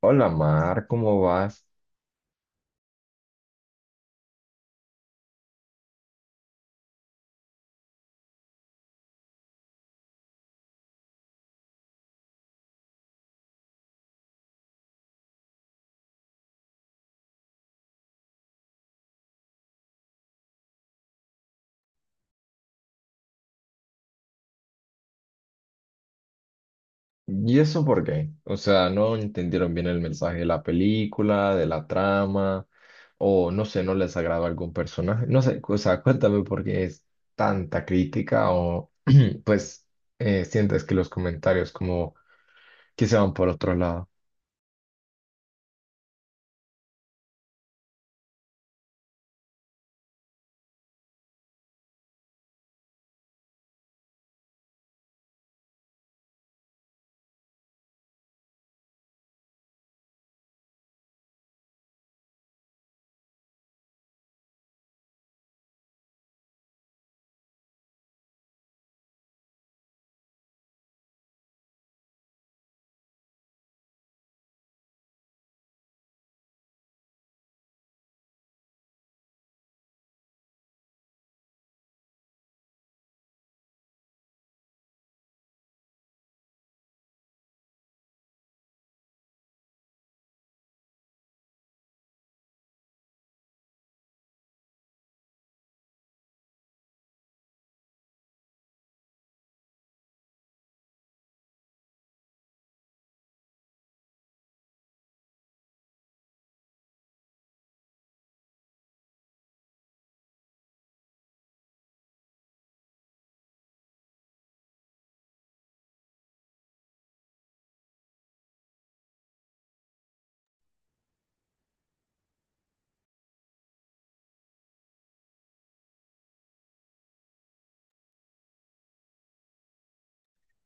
Hola Mar, ¿cómo vas? ¿Y eso por qué? O sea, no entendieron bien el mensaje de la película, de la trama, o no sé, no les agradó algún personaje. No sé, o sea, cuéntame por qué es tanta crítica o pues sientes que los comentarios como que se van por otro lado.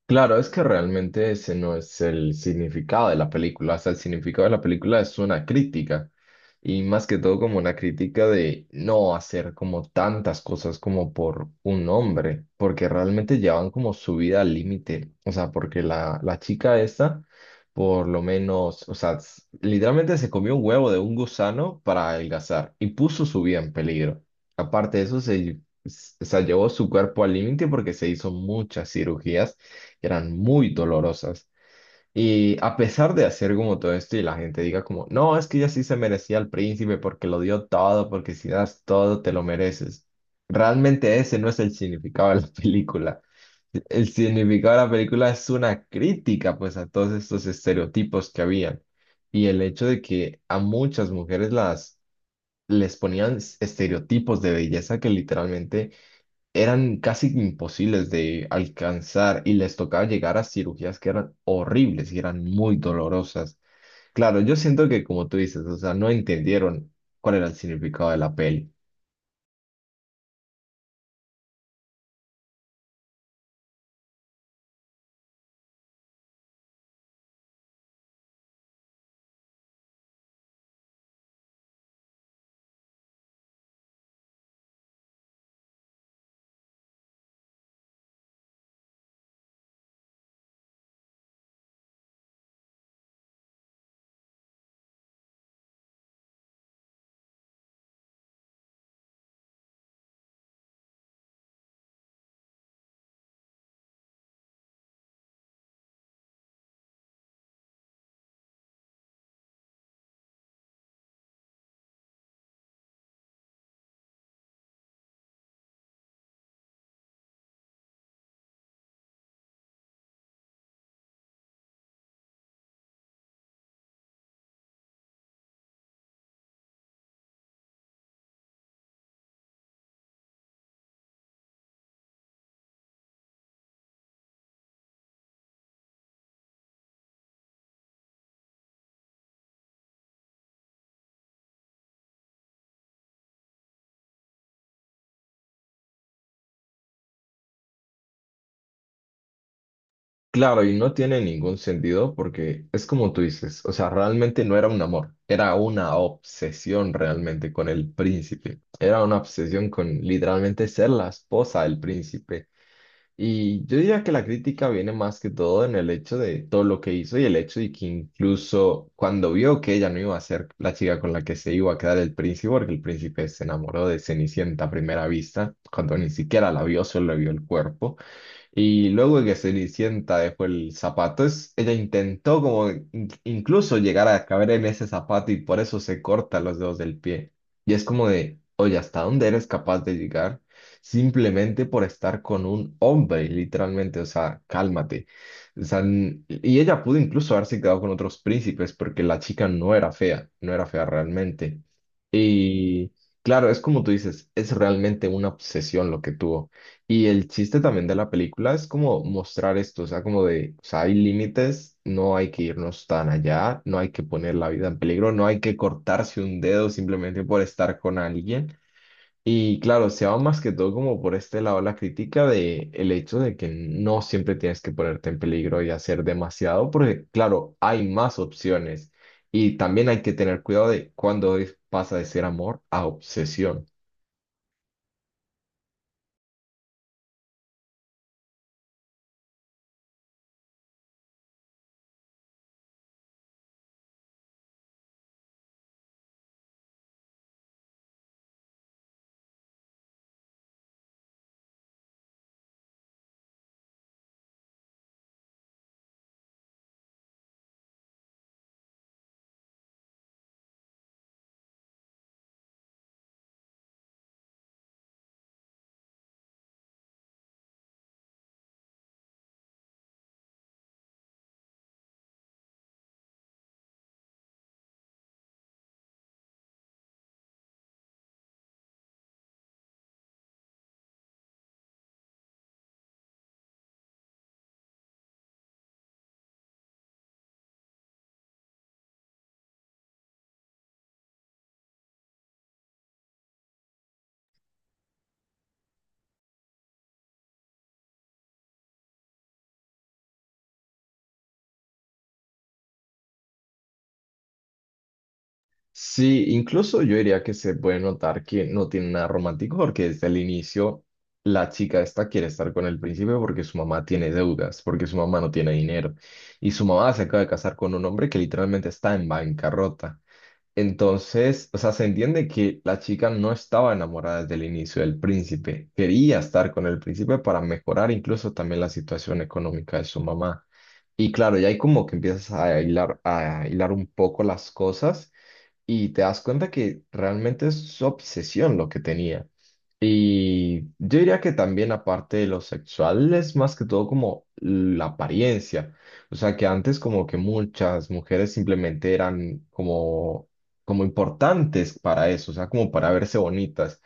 Claro, es que realmente ese no es el significado de la película. O sea, el significado de la película es una crítica. Y más que todo como una crítica de no hacer como tantas cosas como por un hombre. Porque realmente llevan como su vida al límite. O sea, porque la chica esta, por lo menos, o sea, literalmente se comió un huevo de un gusano para adelgazar. Y puso su vida en peligro. Aparte de eso, o sea, llevó su cuerpo al límite porque se hizo muchas cirugías que eran muy dolorosas. Y a pesar de hacer como todo esto y la gente diga como, no, es que ella sí se merecía al príncipe porque lo dio todo, porque si das todo te lo mereces. Realmente ese no es el significado de la película. El significado de la película es una crítica pues a todos estos estereotipos que habían y el hecho de que a muchas mujeres las les ponían estereotipos de belleza que literalmente eran casi imposibles de alcanzar y les tocaba llegar a cirugías que eran horribles y eran muy dolorosas. Claro, yo siento que como tú dices, o sea, no entendieron cuál era el significado de la peli. Claro, y no tiene ningún sentido porque es como tú dices, o sea, realmente no era un amor, era una obsesión realmente con el príncipe, era una obsesión con literalmente ser la esposa del príncipe. Y yo diría que la crítica viene más que todo en el hecho de todo lo que hizo y el hecho de que incluso cuando vio que ella no iba a ser la chica con la que se iba a quedar el príncipe, porque el príncipe se enamoró de Cenicienta a primera vista, cuando ni siquiera la vio, solo le vio el cuerpo. Y luego de que Cenicienta dejó el zapato, ella intentó como incluso llegar a caber en ese zapato y por eso se corta los dedos del pie. Y es como de, oye, ¿hasta dónde eres capaz de llegar? Simplemente por estar con un hombre, literalmente, o sea, cálmate. O sea, y ella pudo incluso haberse quedado con otros príncipes porque la chica no era fea, no era fea realmente. Y claro, es como tú dices, es realmente una obsesión lo que tuvo. Y el chiste también de la película es como mostrar esto, o sea, como de, o sea, hay límites, no hay que irnos tan allá, no hay que poner la vida en peligro, no hay que cortarse un dedo simplemente por estar con alguien. Y claro, se va más que todo como por este lado la crítica de el hecho de que no siempre tienes que ponerte en peligro y hacer demasiado, porque claro, hay más opciones. Y también hay que tener cuidado de cuando pasa de ser amor a obsesión. Sí, incluso yo diría que se puede notar que no tiene nada romántico porque desde el inicio la chica esta quiere estar con el príncipe porque su mamá tiene deudas, porque su mamá no tiene dinero y su mamá se acaba de casar con un hombre que literalmente está en bancarrota. Entonces, o sea, se entiende que la chica no estaba enamorada desde el inicio del príncipe, quería estar con el príncipe para mejorar incluso también la situación económica de su mamá. Y claro, ya hay como que empiezas a hilar un poco las cosas y te das cuenta que realmente es su obsesión lo que tenía. Y yo diría que también aparte de lo sexual es más que todo como la apariencia. O sea que antes como que muchas mujeres simplemente eran como, como importantes para eso, o sea, como para verse bonitas.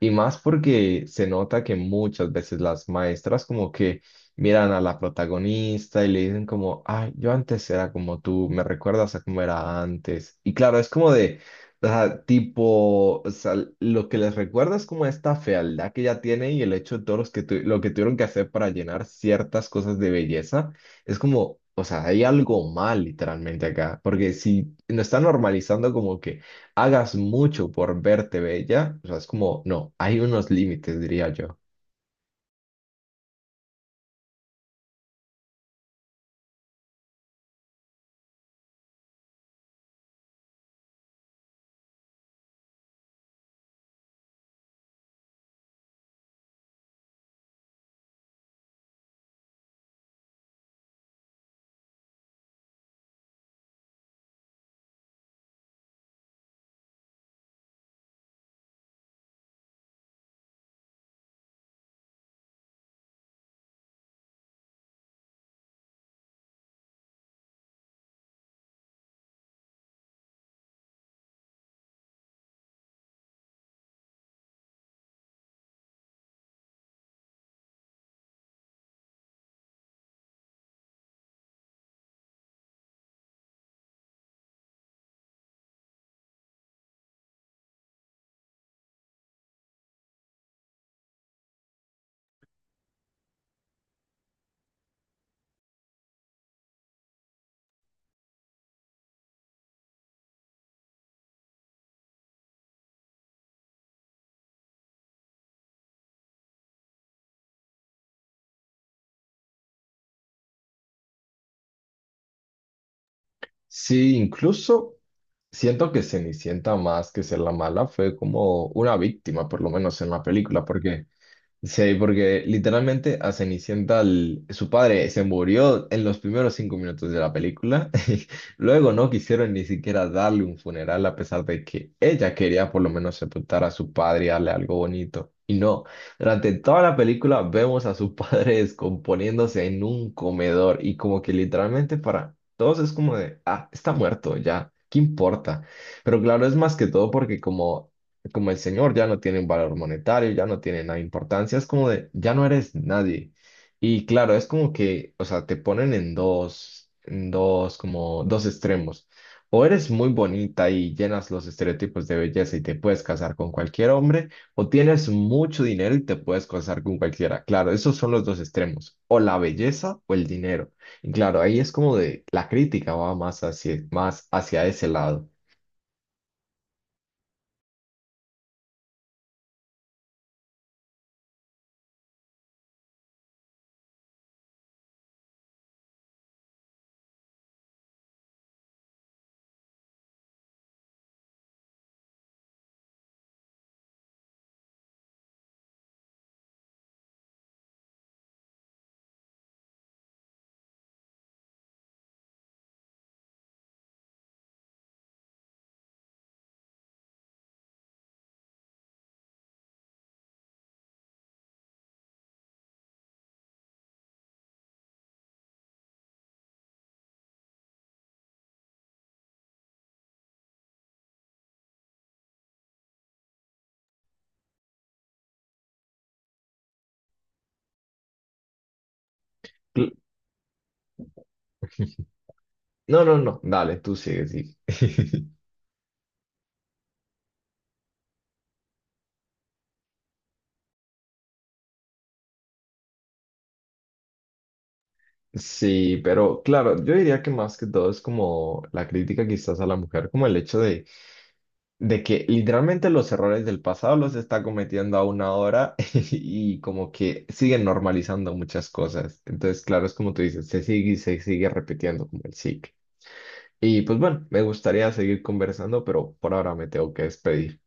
Y más porque se nota que muchas veces las maestras como que miran a la protagonista y le dicen como, ay, yo antes era como tú, me recuerdas a cómo era antes. Y claro, es como de, o sea, tipo, o sea, lo que les recuerda es como esta fealdad que ya tiene y el hecho de todos los que lo que tuvieron que hacer para llenar ciertas cosas de belleza. Es como, o sea, hay algo mal literalmente acá, porque si no está normalizando como que hagas mucho por verte bella, o sea, es como, no, hay unos límites, diría yo. Sí, incluso siento que Cenicienta más que ser la mala fue como una víctima, por lo menos en la película, porque sí, porque literalmente a Cenicienta su padre se murió en los primeros 5 minutos de la película. Y luego no quisieron ni siquiera darle un funeral a pesar de que ella quería por lo menos sepultar a su padre y darle algo bonito. Y no, durante toda la película vemos a su padre descomponiéndose en un comedor y como que literalmente para todos es como de, ah, está muerto ya, ¿qué importa? Pero claro, es más que todo porque como el señor ya no tiene un valor monetario, ya no tiene nada de importancia, es como de, ya no eres nadie. Y claro, es como que, o sea, te ponen en dos, como dos extremos. O eres muy bonita y llenas los estereotipos de belleza y te puedes casar con cualquier hombre, o tienes mucho dinero y te puedes casar con cualquiera. Claro, esos son los dos extremos, o la belleza o el dinero. Y claro, ahí es como de la crítica va más hacia ese lado. Cl- No, no, no, dale, tú sigue, sigue. Sí, pero claro, yo diría que más que todo es como la crítica quizás a la mujer, como el hecho de que literalmente los errores del pasado los está cometiendo aún ahora y como que siguen normalizando muchas cosas. Entonces, claro, es como tú dices, se sigue y se sigue repitiendo como el ciclo. Y pues bueno, me gustaría seguir conversando, pero por ahora me tengo que despedir.